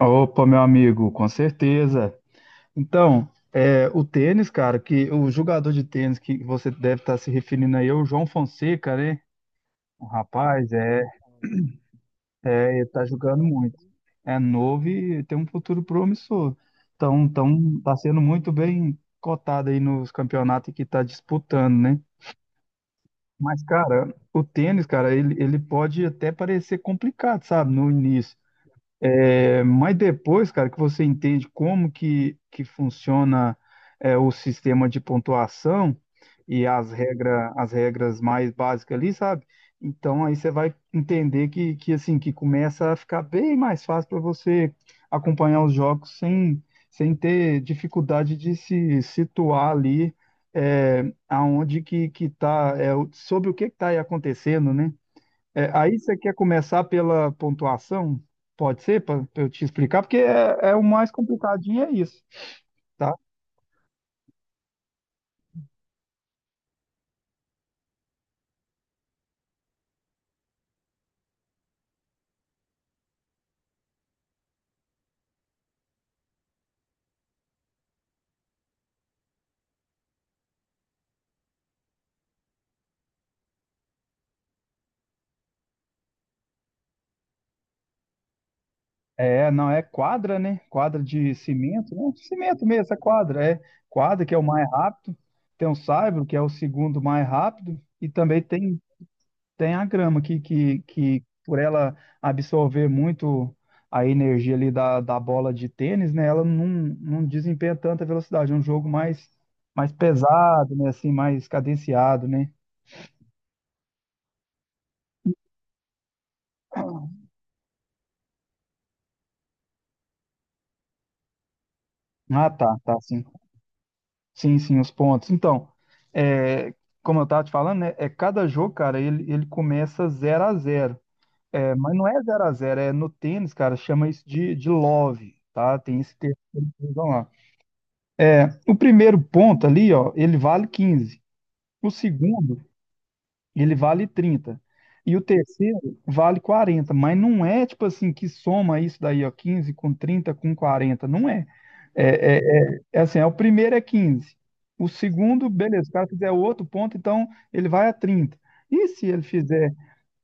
Opa, meu amigo, com certeza. Então, o tênis, cara, que o jogador de tênis que você deve estar se referindo aí é o João Fonseca, né? O rapaz, ele tá jogando muito. É novo e tem um futuro promissor. Então, tá sendo muito bem cotado aí nos campeonatos que tá disputando, né? Mas, cara, o tênis, cara, ele pode até parecer complicado, sabe, no início. É, mas depois, cara, que você entende como que funciona o sistema de pontuação e as regras mais básicas ali, sabe? Então aí você vai entender que assim que começa a ficar bem mais fácil para você acompanhar os jogos sem, ter dificuldade de se situar ali aonde que tá, sobre o que que tá aí acontecendo, né? É, aí você quer começar pela pontuação? Pode ser, para eu te explicar, porque é o mais complicadinho, é isso, tá? É, não é quadra, né? Quadra de cimento, né? Cimento mesmo, é quadra que é o mais rápido, tem o saibro que é o segundo mais rápido e também tem a grama que, que por ela absorver muito a energia ali da, bola de tênis, né? Ela não desempenha tanta velocidade. É um jogo mais, pesado, né? Assim, mais cadenciado, né? Ah, tá, tá, sim. Sim, sim, os pontos. Então, é, como eu estava te falando, né? É cada jogo, cara, ele começa 0-0. É, mas não é 0-0 é no tênis, cara, chama isso de, love, tá? Tem esse termo que eles usam lá. O primeiro ponto ali, ó, ele vale 15. O segundo, ele vale 30. E o terceiro vale 40, mas não é tipo assim que soma isso daí, ó, 15 com 30 com 40 não é. É, é, assim, o primeiro é 15. O segundo, beleza, se o cara fizer outro ponto, então ele vai a 30. E se ele fizer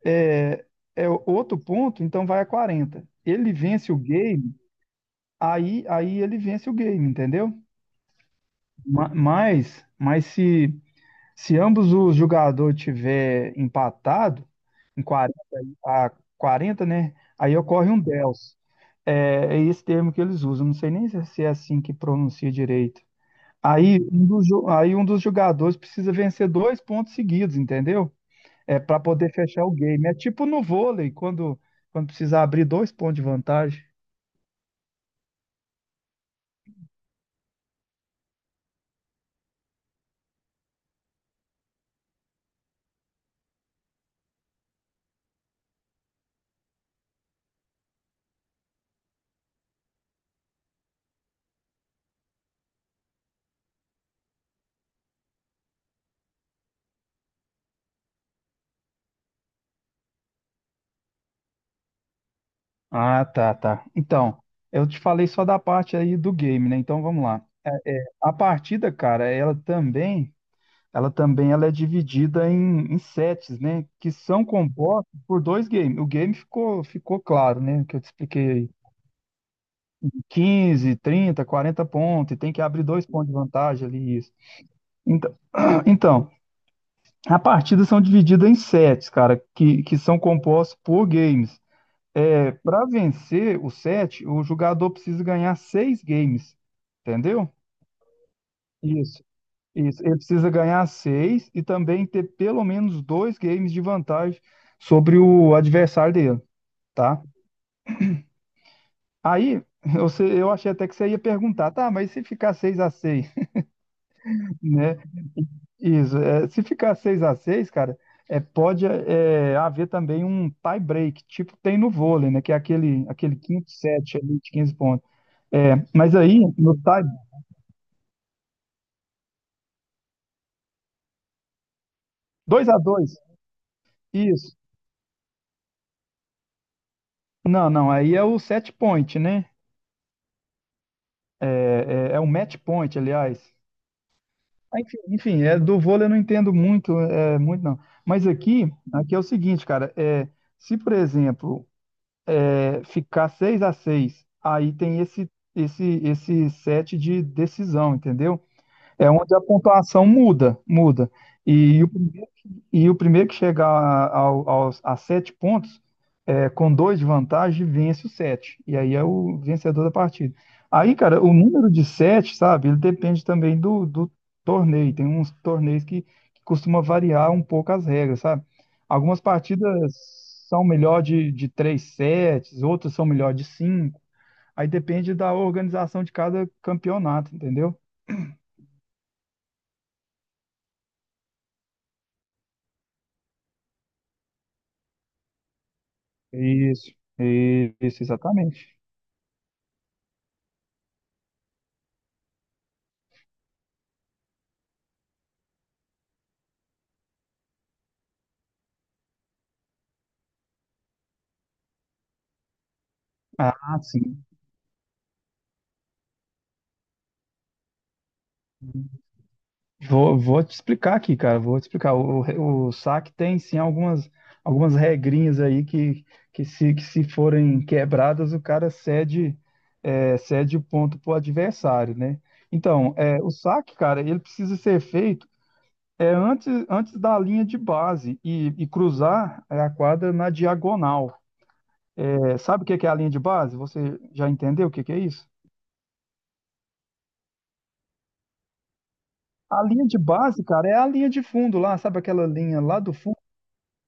é, outro ponto, então vai a 40. Ele vence o game, aí, aí ele vence o game, entendeu? Mas se ambos os jogadores tiver empatado, em 40, a 40, né? Aí ocorre um dels. É esse termo que eles usam. Não sei nem se é, se é assim que pronuncia direito. Aí um dos jogadores precisa vencer dois pontos seguidos, entendeu? É para poder fechar o game. É tipo no vôlei, quando, precisa abrir dois pontos de vantagem. Ah, tá, tá. Então, eu te falei só da parte aí do game, né? Então vamos lá. A partida, cara, ela também Ela também ela é dividida em, sets, né? Que são compostos por dois games. O game ficou claro, né? Que eu te expliquei aí. 15, 30, 40 pontos, e tem que abrir dois pontos de vantagem ali, isso. Então, então, a partida são divididas em sets, cara, que, são compostos por games. É, para vencer o set, o jogador precisa ganhar seis games, entendeu? Isso. Isso, ele precisa ganhar seis e também ter pelo menos dois games de vantagem sobre o adversário dele, tá? Aí, eu achei até que você ia perguntar, tá, mas se ficar 6-6, né? Isso, é, se ficar 6-6, cara, pode haver também um tie break, tipo tem no vôlei, né? Que é aquele quinto set ali de 15 pontos. É, mas aí, no tie, 2-2, isso. Não, não, aí é o set point, né? É, é o match point, aliás. Ah, enfim, do vôlei eu não entendo muito, muito não. Mas aqui é o seguinte, cara, se por exemplo ficar 6-6 aí tem esse set de decisão, entendeu? É onde a pontuação muda, muda. E, o e o primeiro que chegar a sete pontos, com dois de vantagem, vence o sete. E aí é o vencedor da partida. Aí, cara, o número de sete, sabe, ele depende também do torneio. Tem uns torneios que, costuma variar um pouco as regras, sabe? Algumas partidas são melhor de, três sets, outras são melhor de cinco. Aí depende da organização de cada campeonato, entendeu? Isso, isso, exatamente. Ah, sim. Vou te explicar aqui, cara. Vou te explicar. O saque tem sim algumas, regrinhas aí que se forem quebradas, o cara cede, cede o ponto pro adversário, né? Então, o saque, cara, ele precisa ser feito antes da linha de base e, cruzar a quadra na diagonal. É, sabe o que que é a linha de base? Você já entendeu o que que é isso? A linha de base, cara, é a linha de fundo lá, sabe aquela linha lá do fundo?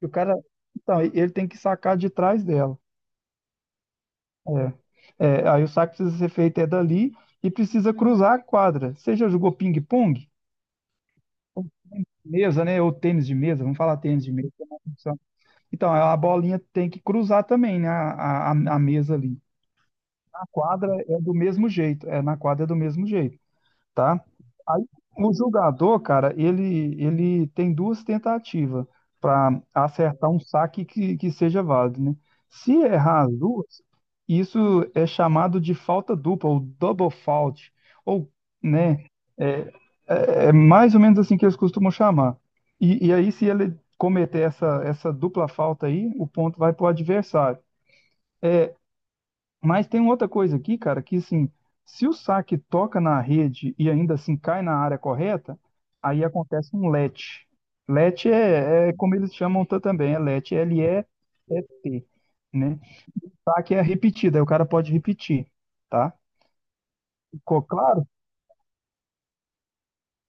E o cara, então, ele tem que sacar de trás dela. É. É, aí o saque precisa ser feito dali e precisa cruzar a quadra. Você já jogou ping-pong? Ou tênis de mesa, né? Ou tênis de mesa, vamos falar tênis de mesa. Que é mais função. Então, a bolinha tem que cruzar também, né? A mesa ali. Na quadra é do mesmo jeito. É, na quadra é do mesmo jeito. Tá? Aí o jogador, cara, ele tem duas tentativas para acertar um saque que, seja válido, né? Se errar as duas, isso é chamado de falta dupla, ou double fault, ou, né? É, é mais ou menos assim que eles costumam chamar. E aí, se ele cometer essa, dupla falta aí, o ponto vai para o adversário. É, mas tem outra coisa aqui, cara, que assim, se o saque toca na rede e ainda assim cai na área correta, aí acontece um let. Let é como eles chamam também, é let, Let, né? Saque é repetida, aí o cara pode repetir, tá? Ficou claro?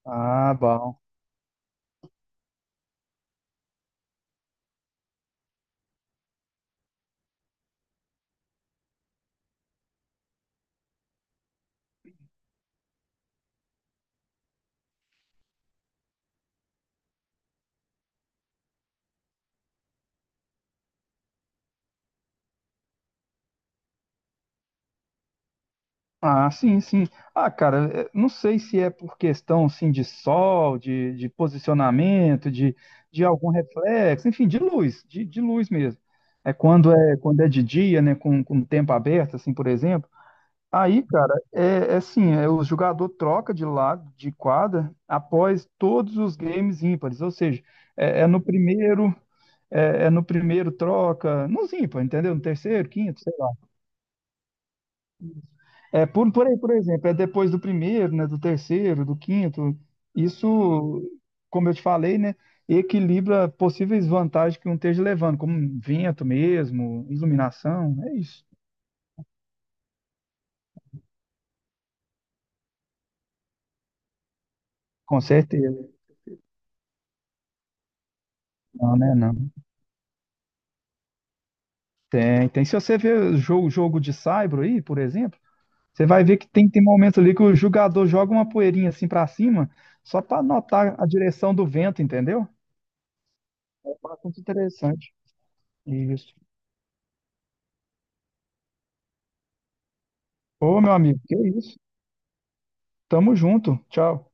Ah, bom. Ah, sim, sim. Ah, cara, não sei se é por questão, assim, de sol, de, posicionamento, de, algum reflexo, enfim, de luz, de, luz mesmo. É quando é de dia, né, com, o tempo aberto, assim, por exemplo. Aí, cara, assim, o jogador troca de lado, de quadra, após todos os games ímpares, ou seja, é, é no primeiro, no primeiro troca, nos ímpares, entendeu? No terceiro, quinto, sei lá. É, por, aí, por exemplo, é depois do primeiro, né, do terceiro, do quinto. Isso, como eu te falei, né, equilibra possíveis vantagens que um esteja levando, como um vento mesmo, iluminação, é isso. Com certeza. Não, né, não. Tem, tem. Se você ver jogo, jogo de saibro aí, por exemplo, você vai ver que tem, momentos ali que o jogador joga uma poeirinha assim pra cima, só pra notar a direção do vento, entendeu? É bastante interessante. Isso. Ô, meu amigo, que isso. Tamo junto. Tchau.